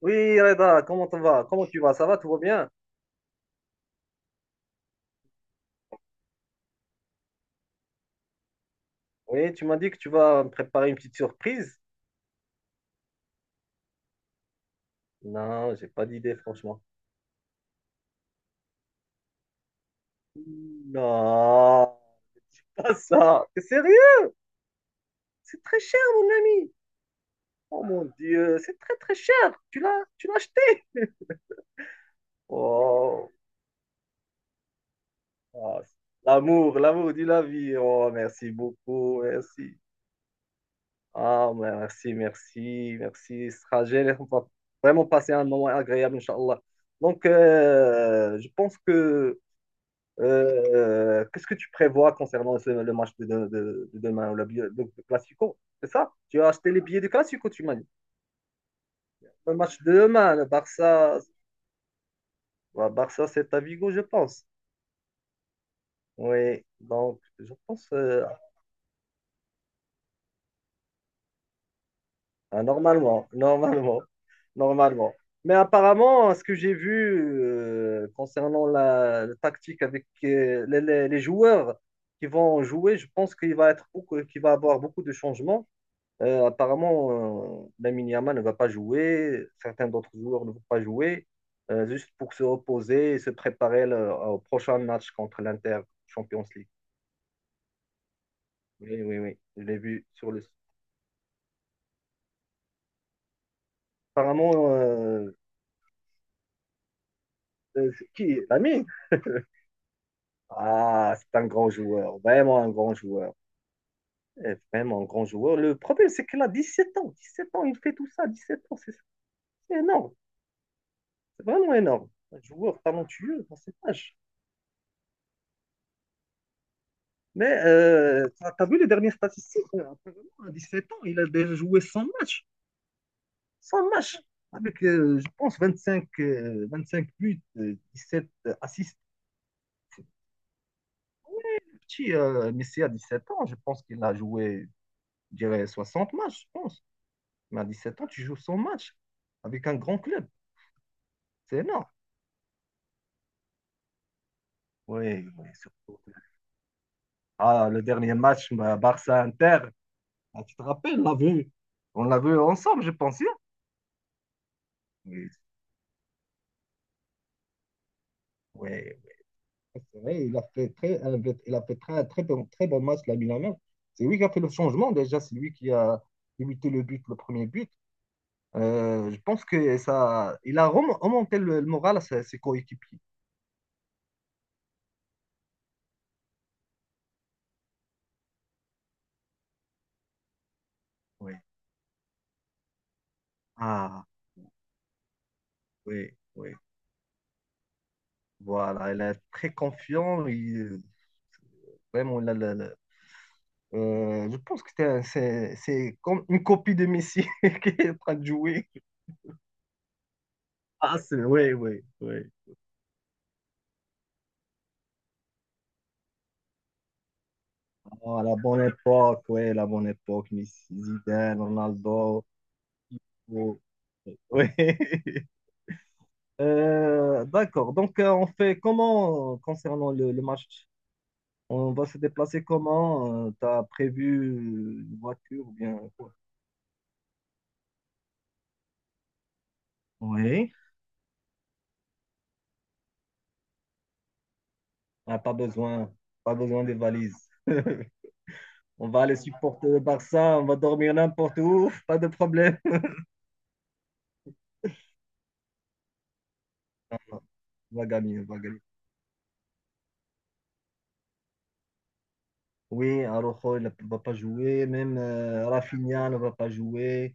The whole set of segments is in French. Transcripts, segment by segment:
Oui, Reda, comment tu vas? Comment tu vas? Ça va? Tout va bien? Oui, tu m'as dit que tu vas me préparer une petite surprise. Non, j'ai pas d'idée, franchement. Non, pas ça. T'es sérieux? C'est très cher, mon ami. Oh mon Dieu, c'est très très cher. Tu l'as acheté. Oh, ah, l'amour, l'amour de la vie. Oh, merci beaucoup, merci. Ah, merci, merci, merci. Ce sera génial. On va vraiment passer un moment agréable, Inch'Allah. Donc, je pense que. Qu'est-ce que tu prévois concernant le match de demain, ou le Classico? C'est ça? Tu as acheté les billets du Classico, tu m'as dit. Le match de demain, le Barça, bah, Barça, c'est à Vigo, je pense. Oui, donc je pense ah, normalement, normalement, normalement. Mais apparemment, ce que j'ai vu concernant la tactique avec les joueurs qui vont jouer, je pense qu'il va être beaucoup, qu'il va avoir beaucoup de changements. Apparemment, Lamine Yamal ne va pas jouer, certains d'autres joueurs ne vont pas jouer, juste pour se reposer et se préparer au prochain match contre l'Inter Champions League. Oui, oui, oui, je l'ai vu sur le. Apparemment, c'est qui? Lamine? Ah, c'est un grand joueur, vraiment un grand joueur, eh, vraiment un grand joueur. Le problème, c'est qu'il a 17 ans, 17 ans, il fait tout ça, 17 ans, c'est énorme, c'est vraiment énorme. Un joueur talentueux dans cet âge. Mais t'as vu les dernières statistiques? Apparemment, à 17 ans, il a déjà joué 100 matchs. 100 matchs. Avec, je pense, 25 5 buts, 7 assists. Petit, Messi à 17 ans, je pense qu'il a joué, je dirais, 60 matchs, je pense. Mais à 7 ans, tu joues 100 matchs avec un grand club. C'est énorme. Oui, oui, surtout. Ah, le dernier match, bah, Barça-Inter. Ah, tu te rappelles, on l'a vu. On l'a vu ensemble, je pense, hein? Oui, oui. C'est vrai, il a fait très, il a fait très, très bon match, la Yamal. C'est lui qui a fait le changement déjà, c'est lui qui a limité le but, le premier but. Je pense que ça, il a remonté le moral à ses coéquipiers. Oui. Ah, oui, oui. Voilà, il est très confiant. Vraiment, il a je pense que c'est comme une copie de Messi qui est en train de jouer. Ah, c'est, oui, oui, oui. Ah, la bonne époque, oui, la bonne époque, Messi Zidane, Ronaldo. Oh, oui. D'accord. Donc, on fait comment concernant le match? On va se déplacer comment? Tu as prévu une voiture ou bien quoi? Oui. Ah, pas besoin. Pas besoin des valises. On va aller supporter le Barça. On va dormir n'importe où. Pas de problème. On va gagner. On va gagner. Oui, Araujo, il ne va pas jouer. Même Rafinha ne va pas jouer.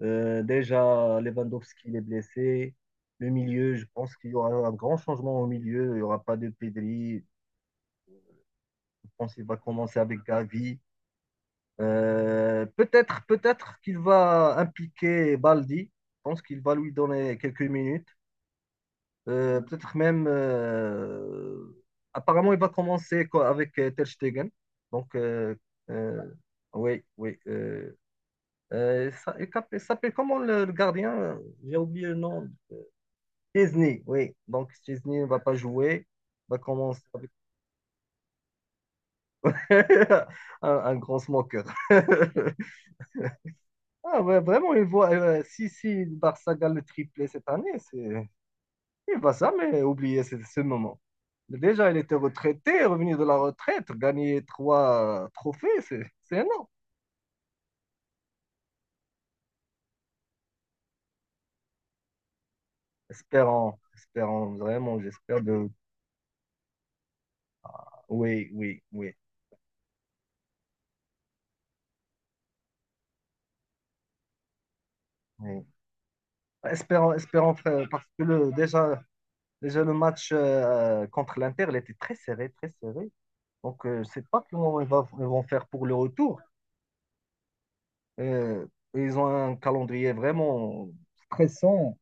Déjà, Lewandowski, il est blessé. Le milieu, je pense qu'il y aura un grand changement au milieu. Il n'y aura pas de Pedri. Je pense qu'il va commencer avec Gavi. Peut-être, peut-être qu'il va impliquer Baldi. Je pense qu'il va lui donner quelques minutes. Peut-être même. Apparemment, il va commencer avec Ter Stegen. Donc, euh, oui, oui. Il s'appelle comment le gardien? J'ai oublié le nom. Chesney, oui. Donc, Chesney ne va pas jouer. Va commencer avec un grand smoker. Ah, ouais, vraiment, il voit, si le Barça gagne le triplé cette année, c'est, il va jamais oublier ce moment. Déjà, il était retraité, revenu de la retraite, gagner trois trophées, c'est, énorme. Espérons, espérons, vraiment, j'espère de. Oui, oui, oui. Oui. Espérons, espérons, frère, parce que le, déjà, déjà, le match contre l'Inter, il était très serré, très serré. Donc, je ne sais pas comment ils vont faire pour le retour. Euh, ils ont un calendrier vraiment stressant.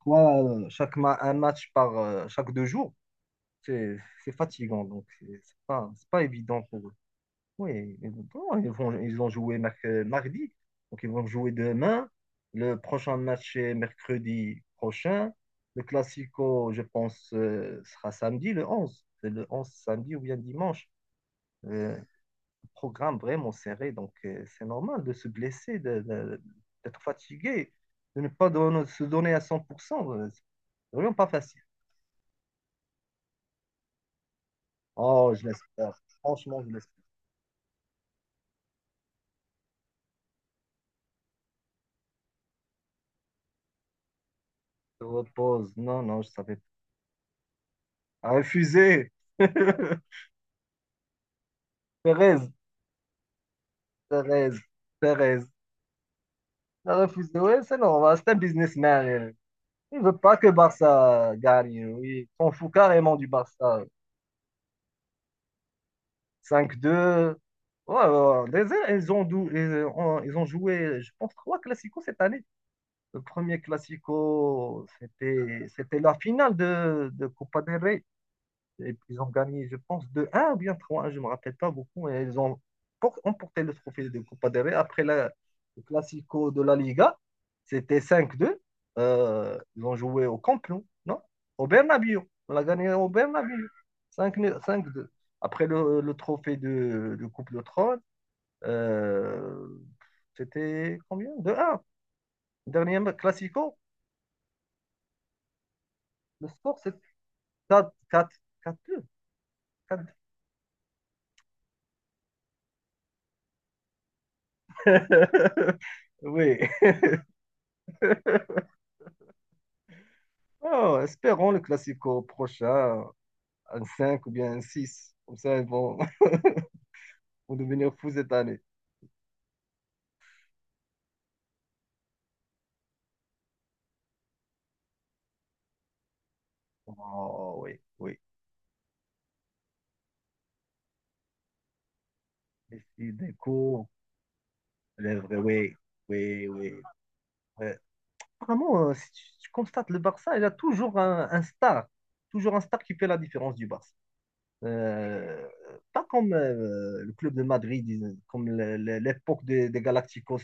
Trois, un match par chaque 2 jours, c'est c'est fatigant. Donc, c'est pas, c'est pas évident pour. Oui, exactement. Ils ont joué mardi, donc ils vont jouer demain. Le prochain match est mercredi prochain. Le Classico, je pense, sera samedi, le 11. C'est le 11 samedi ou bien dimanche. Euh, programme vraiment serré, donc c'est normal de se blesser, d'être fatigué, de ne pas se donner à 100%. C'est vraiment pas facile. Oh, je l'espère. Franchement, je l'espère. Je repose. Non, non, je savais pas. À refuser. Perez, Perez, Perez. La refuse de, ouais, c'est normal, c'est un businessman. Elle. Il veut pas que Barça gagne. Oui, s'en fout carrément du Barça. 5-2. Ouais, ouais, ouais. Déjà, Ils ont, dou- ils ont joué, je pense, trois classicos cette année. Le premier classico, c'était la finale de Copa del Rey. Et puis ils ont gagné, je pense, de un ou bien 3 je ne me rappelle pas beaucoup. Et ils ont emporté le trophée de Copa del Rey. Après le Classico de la Liga, c'était 5-2. Ils ont joué au Camp Nou, non? Au Bernabéu. On l'a gagné au Bernabéu. Cinq 2 5-2. Après le trophée de Coupe de Trône, euh, c'était combien? 2 un. Dernier Classico, le score, c'est quatre quatre quatre 2. Oui, ah, espérons le classico prochain, 1-5 ou bien 1-6, comme ça, ils vont, vont devenir fous cette année. Oh, oui, oui. Et si découvre les vrais, oui, oui, oui. Ouais. Vraiment, si tu constates, le Barça, il a toujours un, star. Toujours un star qui fait la différence du Barça. Euh, pas comme le club de Madrid, comme l'époque des Galacticos.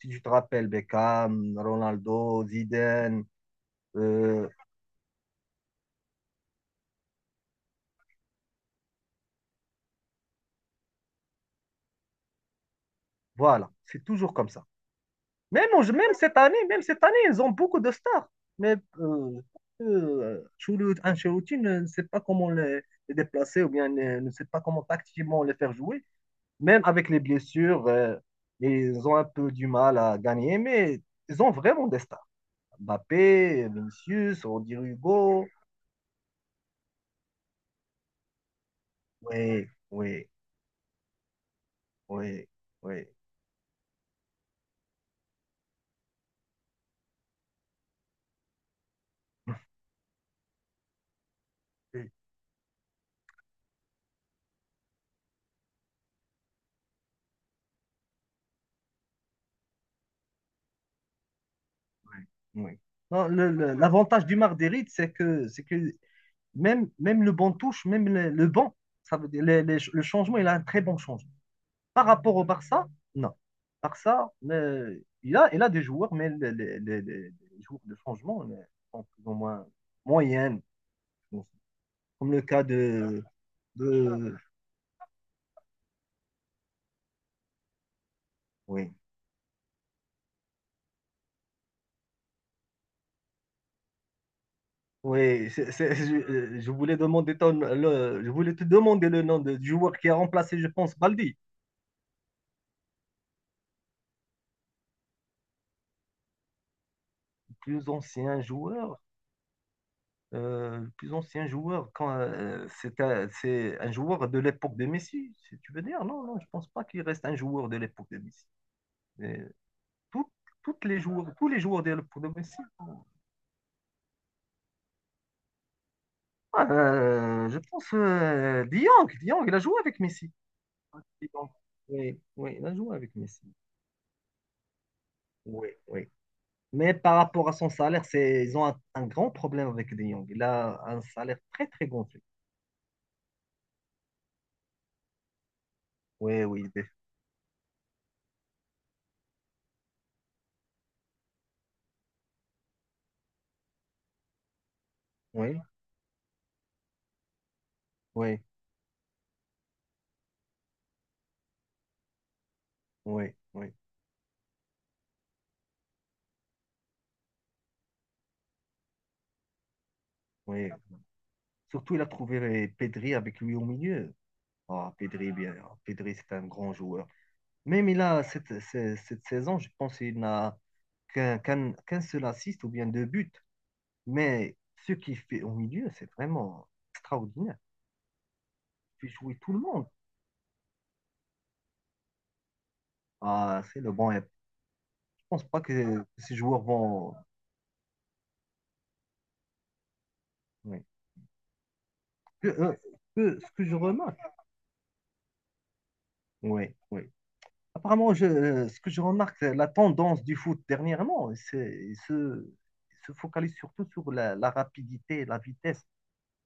Si tu te rappelles, Beckham, Ronaldo, Zidane, euh, voilà, c'est toujours comme ça. Même, même cette année, ils ont beaucoup de stars. Mais Ancelotti ne sait pas comment les déplacer ou bien ne sait pas comment tactiquement les faire jouer. Même avec les blessures, ils ont un peu du mal à gagner, mais ils ont vraiment des stars. Mbappé, Vinicius, Rodrigo Hugo. Oui, oui, oui, oui, oui, oui. Non, l'avantage du Marguerite, c'est que même le banc touche, même le banc, ça veut dire, le changement, il a un très bon changement. Par rapport au Barça, non. Barça, il a des joueurs, mais joueurs de changement sont plus ou moins moyennes. Donc, comme le cas de, oui. Oui, je voulais demander le, je voulais te demander le nom du joueur qui a remplacé, je pense, Baldi. Plus ancien joueur. Le plus ancien joueur, quand c'est un joueur de l'époque de Messi, si tu veux dire. Non, non, je pense pas qu'il reste un joueur de l'époque de Messi. Mais tout- toutes les joueurs, tous les joueurs de l'époque de Messi. Je pense De Jong, De Jong, il a joué avec Messi. De Jong. Oui, oui, il a joué avec Messi. Oui, oui. Mais par rapport à son salaire, c'est, ils ont un grand problème avec De Jong. Il a un salaire très, très gonflé. Oui, oui, oui, oui, oui, oui, oui. Surtout, il a trouvé Pedri avec lui au milieu. Ah, Pedri, bien. Pedri, c'est un grand joueur. Même il a cette saison, je pense qu'il n'a qu'un seul assist ou bien deux buts. Mais ce qu'il fait au milieu, c'est vraiment extraordinaire. Il fait jouer tout le monde. Ah, c'est le bon. Et je pense pas que ces joueurs vont. Oui. Que, euh, ce que je remarque, oui, oui. Apparemment, ce que je remarque, la tendance du foot dernièrement, c'est, il se focalise surtout sur la rapidité la vitesse.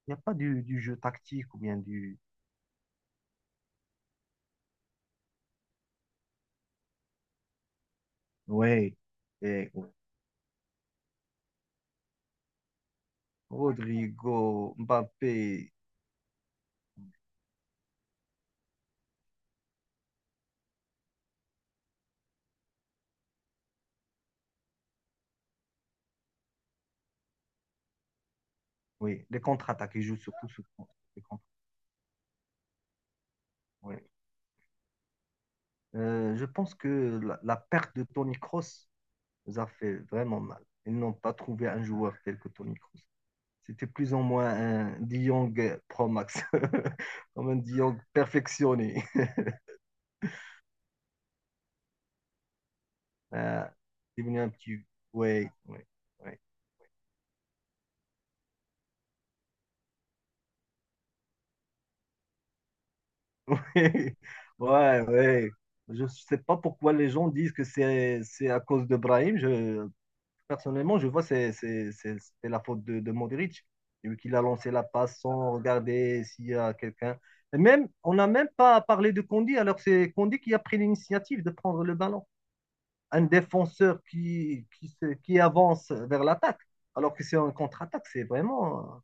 Il n'y a pas du jeu tactique ou bien du. Oui, et Rodrigo, Mbappé, oui, les contre-attaques, ils jouent surtout sur les contre ouais. Je pense que la perte de Toni Kroos nous a fait vraiment mal. Ils n'ont pas trouvé un joueur tel que Toni Kroos. C'était plus ou moins un De Jong Pro Max, comme un De Jong perfectionné. Euh, c'est devenu un petit. Ouais, ouais, ouais. Ouais, ouais. Je ne sais pas pourquoi les gens disent que c'est à cause de Brahim. Je, personnellement, je vois que c'est la faute de Modric. J'ai vu qu'il a lancé la passe sans regarder s'il y a quelqu'un. Et même, on n'a même pas parlé de Kondi, alors c'est Kondi qui a pris l'initiative de prendre le ballon. Un défenseur qui, qui avance vers l'attaque, alors que c'est un contre-attaque, c'est vraiment.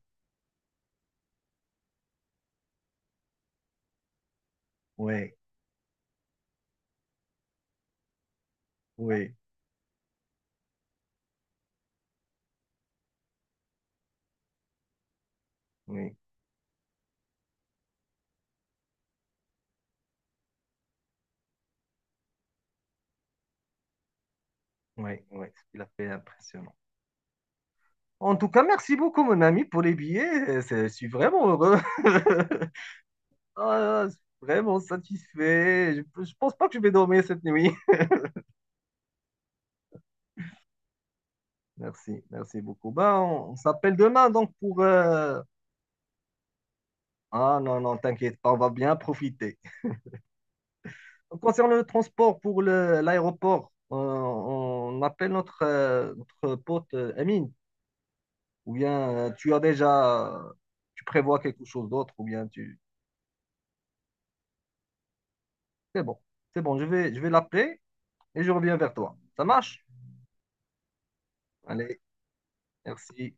Oui, oui, oui, oui, oui, ce qu'il a fait impressionnant. En tout cas, merci beaucoup, mon ami, pour les billets. Je suis vraiment heureux. Ah, je suis vraiment satisfait. Je pense pas que je vais dormir cette nuit. Merci, merci beaucoup. Ben, on s'appelle demain, donc, pour. Ah non, non, t'inquiète pas, on va bien profiter. Concernant le transport pour l'aéroport, on appelle notre pote Amine, ou bien tu as déjà, tu prévois quelque chose d'autre, ou bien tu. C'est bon, c'est bon, je vais l'appeler et je reviens vers toi. Ça marche? Allez, merci.